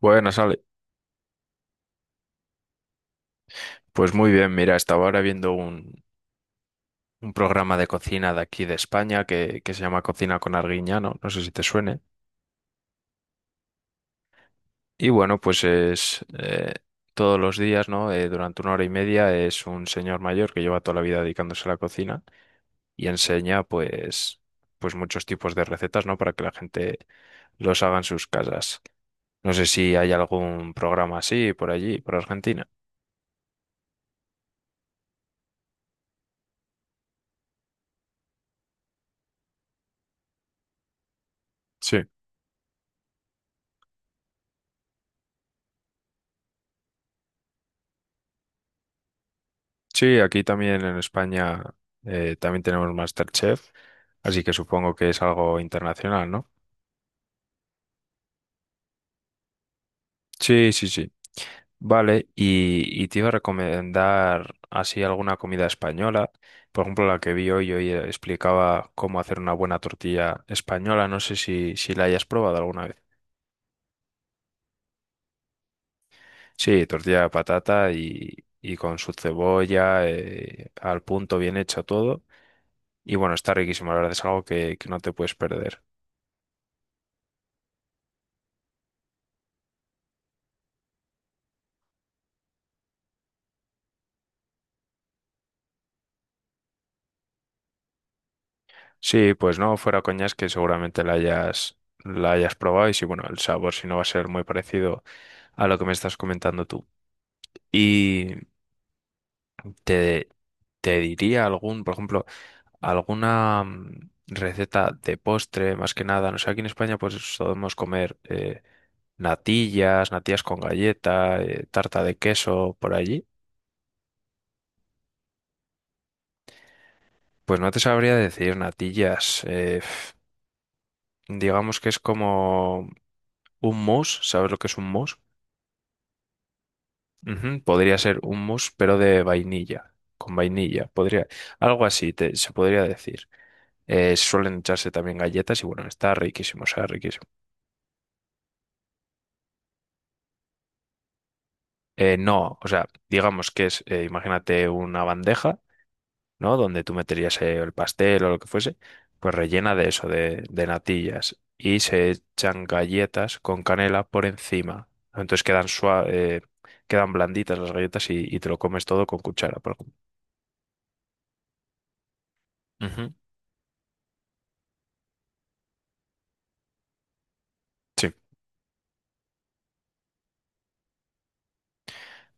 Buenas, Ale. Pues muy bien, mira, estaba ahora viendo un programa de cocina de aquí de España que se llama Cocina con Arguiñano, no sé si te suene. Y bueno, pues es todos los días, ¿no? Durante una hora y media es un señor mayor que lleva toda la vida dedicándose a la cocina y enseña pues muchos tipos de recetas, ¿no? Para que la gente los haga en sus casas. No sé si hay algún programa así por allí, por Argentina. Sí. Sí, aquí también en España también tenemos MasterChef, así que supongo que es algo internacional, ¿no? Sí, sí, sí. Vale, y te iba a recomendar así alguna comida española. Por ejemplo, la que vi hoy explicaba cómo hacer una buena tortilla española. No sé si la hayas probado alguna vez. Sí, tortilla de patata y con su cebolla, al punto, bien hecho todo. Y bueno, está riquísimo, la verdad es algo que no te puedes perder. Sí, pues no, fuera coñas que seguramente la hayas probado y si bueno, el sabor si no va a ser muy parecido a lo que me estás comentando tú. Y te, te diría algún, por ejemplo, alguna receta de postre, más que nada. No sé, aquí en España pues solemos comer natillas, natillas con galleta, tarta de queso por allí. Pues no te sabría decir natillas, digamos que es como un mousse, ¿sabes lo que es un mousse? Ujú. Podría ser un mousse, pero de vainilla, con vainilla, podría, algo así se podría decir. Suelen echarse también galletas y bueno, está riquísimo, o sea, riquísimo. No, o sea, digamos que es, imagínate una bandeja, ¿no? Donde tú meterías el pastel o lo que fuese, pues rellena de eso, de natillas, y se echan galletas con canela por encima. Entonces quedan blanditas las galletas y te lo comes todo con cuchara, por ejemplo. Ujú. Sí.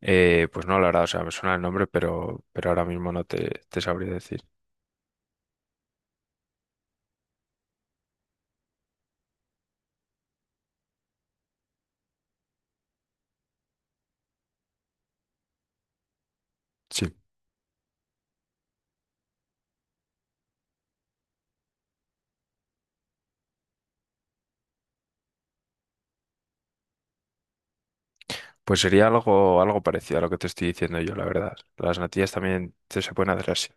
Pues no, la verdad, o sea, me suena el nombre, pero ahora mismo no te sabría decir. Sí. Pues sería algo parecido a lo que te estoy diciendo yo, la verdad. Las natillas también te se pueden hacer así.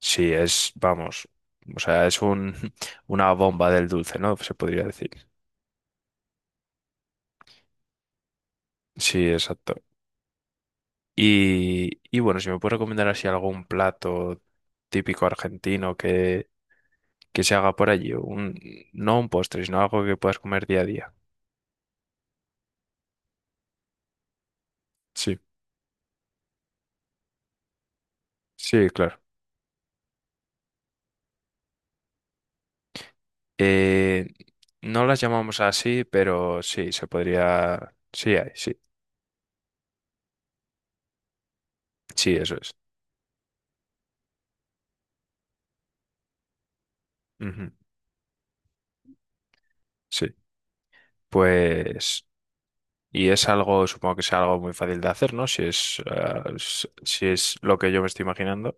Sí, es, vamos, o sea, es una bomba del dulce, ¿no? Se podría decir. Sí, exacto. Y bueno, si me puedes recomendar así algún plato típico argentino que se haga por allí, no un postre, sino algo que puedas comer día a día. Sí. Sí, claro. Eh, no las llamamos así, pero sí, se podría. Sí, hay, sí. Sí, eso es. Ujú. Sí. Pues. Y es algo, supongo que sea algo muy fácil de hacer, ¿no? Si es lo que yo me estoy imaginando.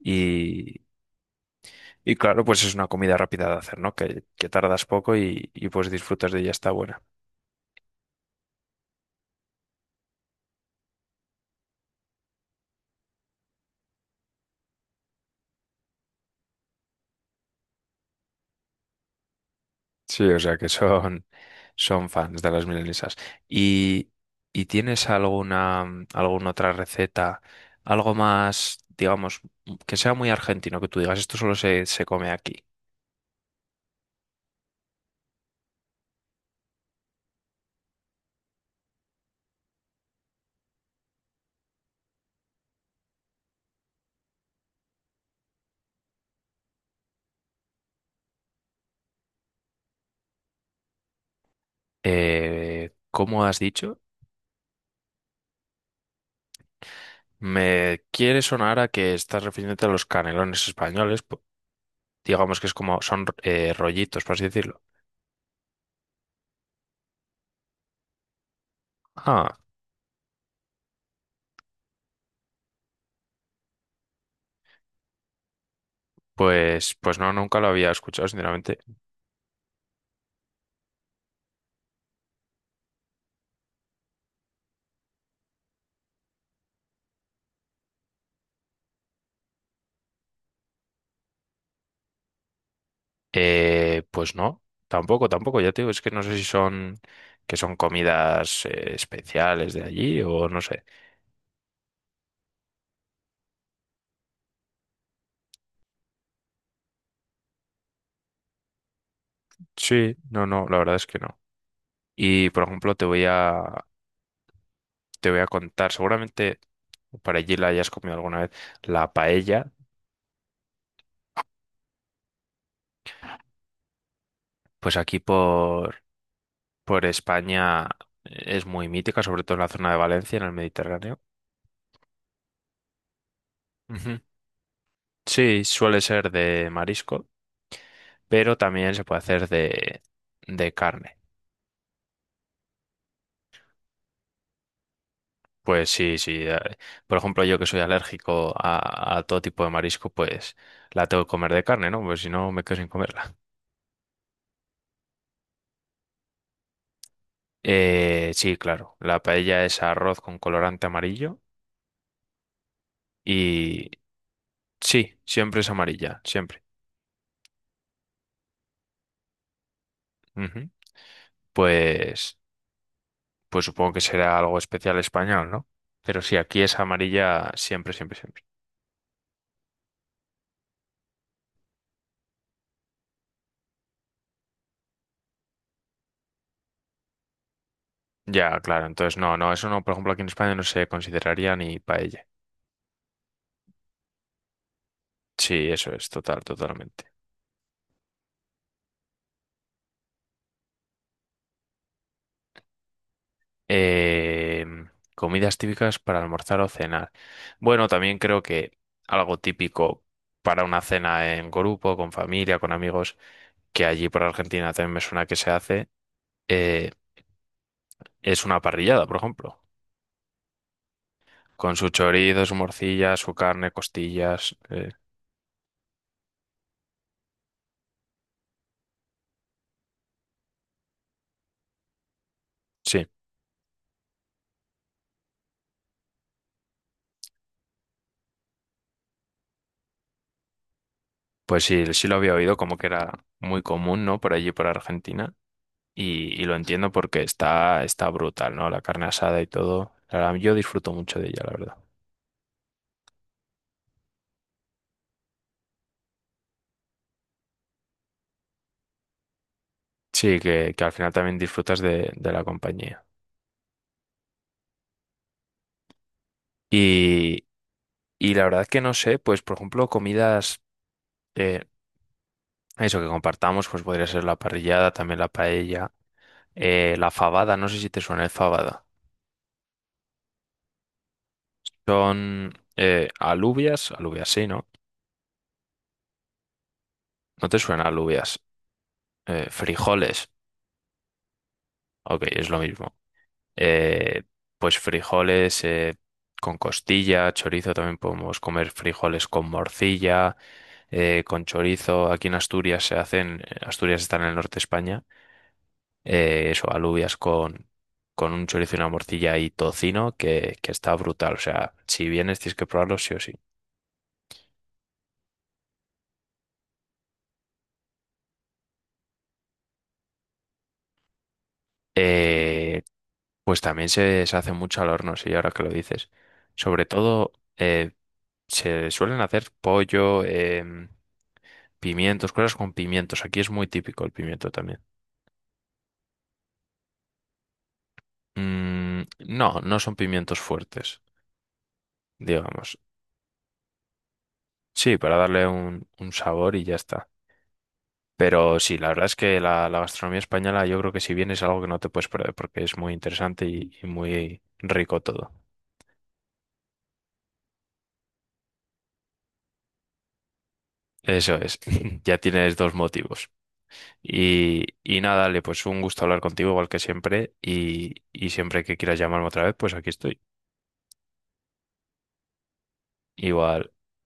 Y, y claro, pues es una comida rápida de hacer, ¿no? Que tardas poco y pues disfrutas de ella, está buena. Sí, o sea que son fans de las milanesas. ¿Y, y tienes alguna otra receta, algo más, digamos, que sea muy argentino, que tú digas, esto solo se come aquí? ¿Cómo has dicho? Me quiere sonar a que estás refiriéndote a los canelones españoles, digamos que es como, son rollitos, por así decirlo. Ah, pues no, nunca lo había escuchado, sinceramente. Pues no, tampoco, tampoco. Ya te digo, es que no sé si son que son comidas especiales de allí o no sé. Sí, no, no, la verdad es que no. Y por ejemplo, te voy a contar, seguramente por allí la hayas comido alguna vez, la paella. Pues aquí por España es muy mítica, sobre todo en la zona de Valencia, en el Mediterráneo. Ujú. Sí, suele ser de marisco, pero también se puede hacer de carne. Pues sí, sí. Por ejemplo, yo que soy alérgico a todo tipo de marisco, pues la tengo que comer de carne, ¿no? Pues si no, me quedo sin comerla. Sí, claro. La paella es arroz con colorante amarillo y sí, siempre es amarilla, siempre. Ujú. Pues, pues supongo que será algo especial español, ¿no? Pero sí, aquí es amarilla siempre, siempre, siempre. Ya, claro. Entonces, no, no, eso no, por ejemplo, aquí en España no se consideraría ni paella. Sí, eso es, totalmente. Eh, Comidas típicas para almorzar o cenar. Bueno, también creo que algo típico para una cena en grupo, con familia, con amigos, que allí por Argentina también me suena que se hace, eh, es una parrillada, por ejemplo, con su chorizo, su morcilla, su carne, costillas. Sí, pues sí, sí lo había oído como que era muy común, ¿no? Por allí por Argentina. Y lo entiendo porque está brutal, ¿no? La carne asada y todo. La verdad, yo disfruto mucho de ella, la verdad. Sí, que al final también disfrutas de la compañía. Y, y la verdad que no sé, pues por ejemplo, comidas, eh, eso que compartamos, pues podría ser la parrillada, también la paella, la fabada, no sé si te suena el fabada. Son alubias, alubias sí, ¿no? No te suena alubias, frijoles, ok, es lo mismo. eh, pues frijoles con costilla, chorizo, también podemos comer frijoles con morcilla, con chorizo. Aquí en Asturias se hacen, Asturias está en el norte de España, eso, alubias con un chorizo y una morcilla y tocino, que está brutal. O sea, si vienes tienes que probarlo sí o sí. Eh, pues también se hace mucho al horno, sí, ahora que lo dices. Sobre todo, eh, se suelen hacer pollo. Pimientos, cosas con pimientos. Aquí es muy típico el pimiento también. Mm, no, no son pimientos fuertes, digamos. Sí, para darle un sabor y ya está. Pero sí, la verdad es que la gastronomía española yo creo que si vienes es algo que no te puedes perder porque es muy interesante y muy rico todo. Eso es, ya tienes dos motivos. Y nada, dale, pues un gusto hablar contigo igual que siempre y siempre que quieras llamarme otra vez, pues aquí estoy. Igual.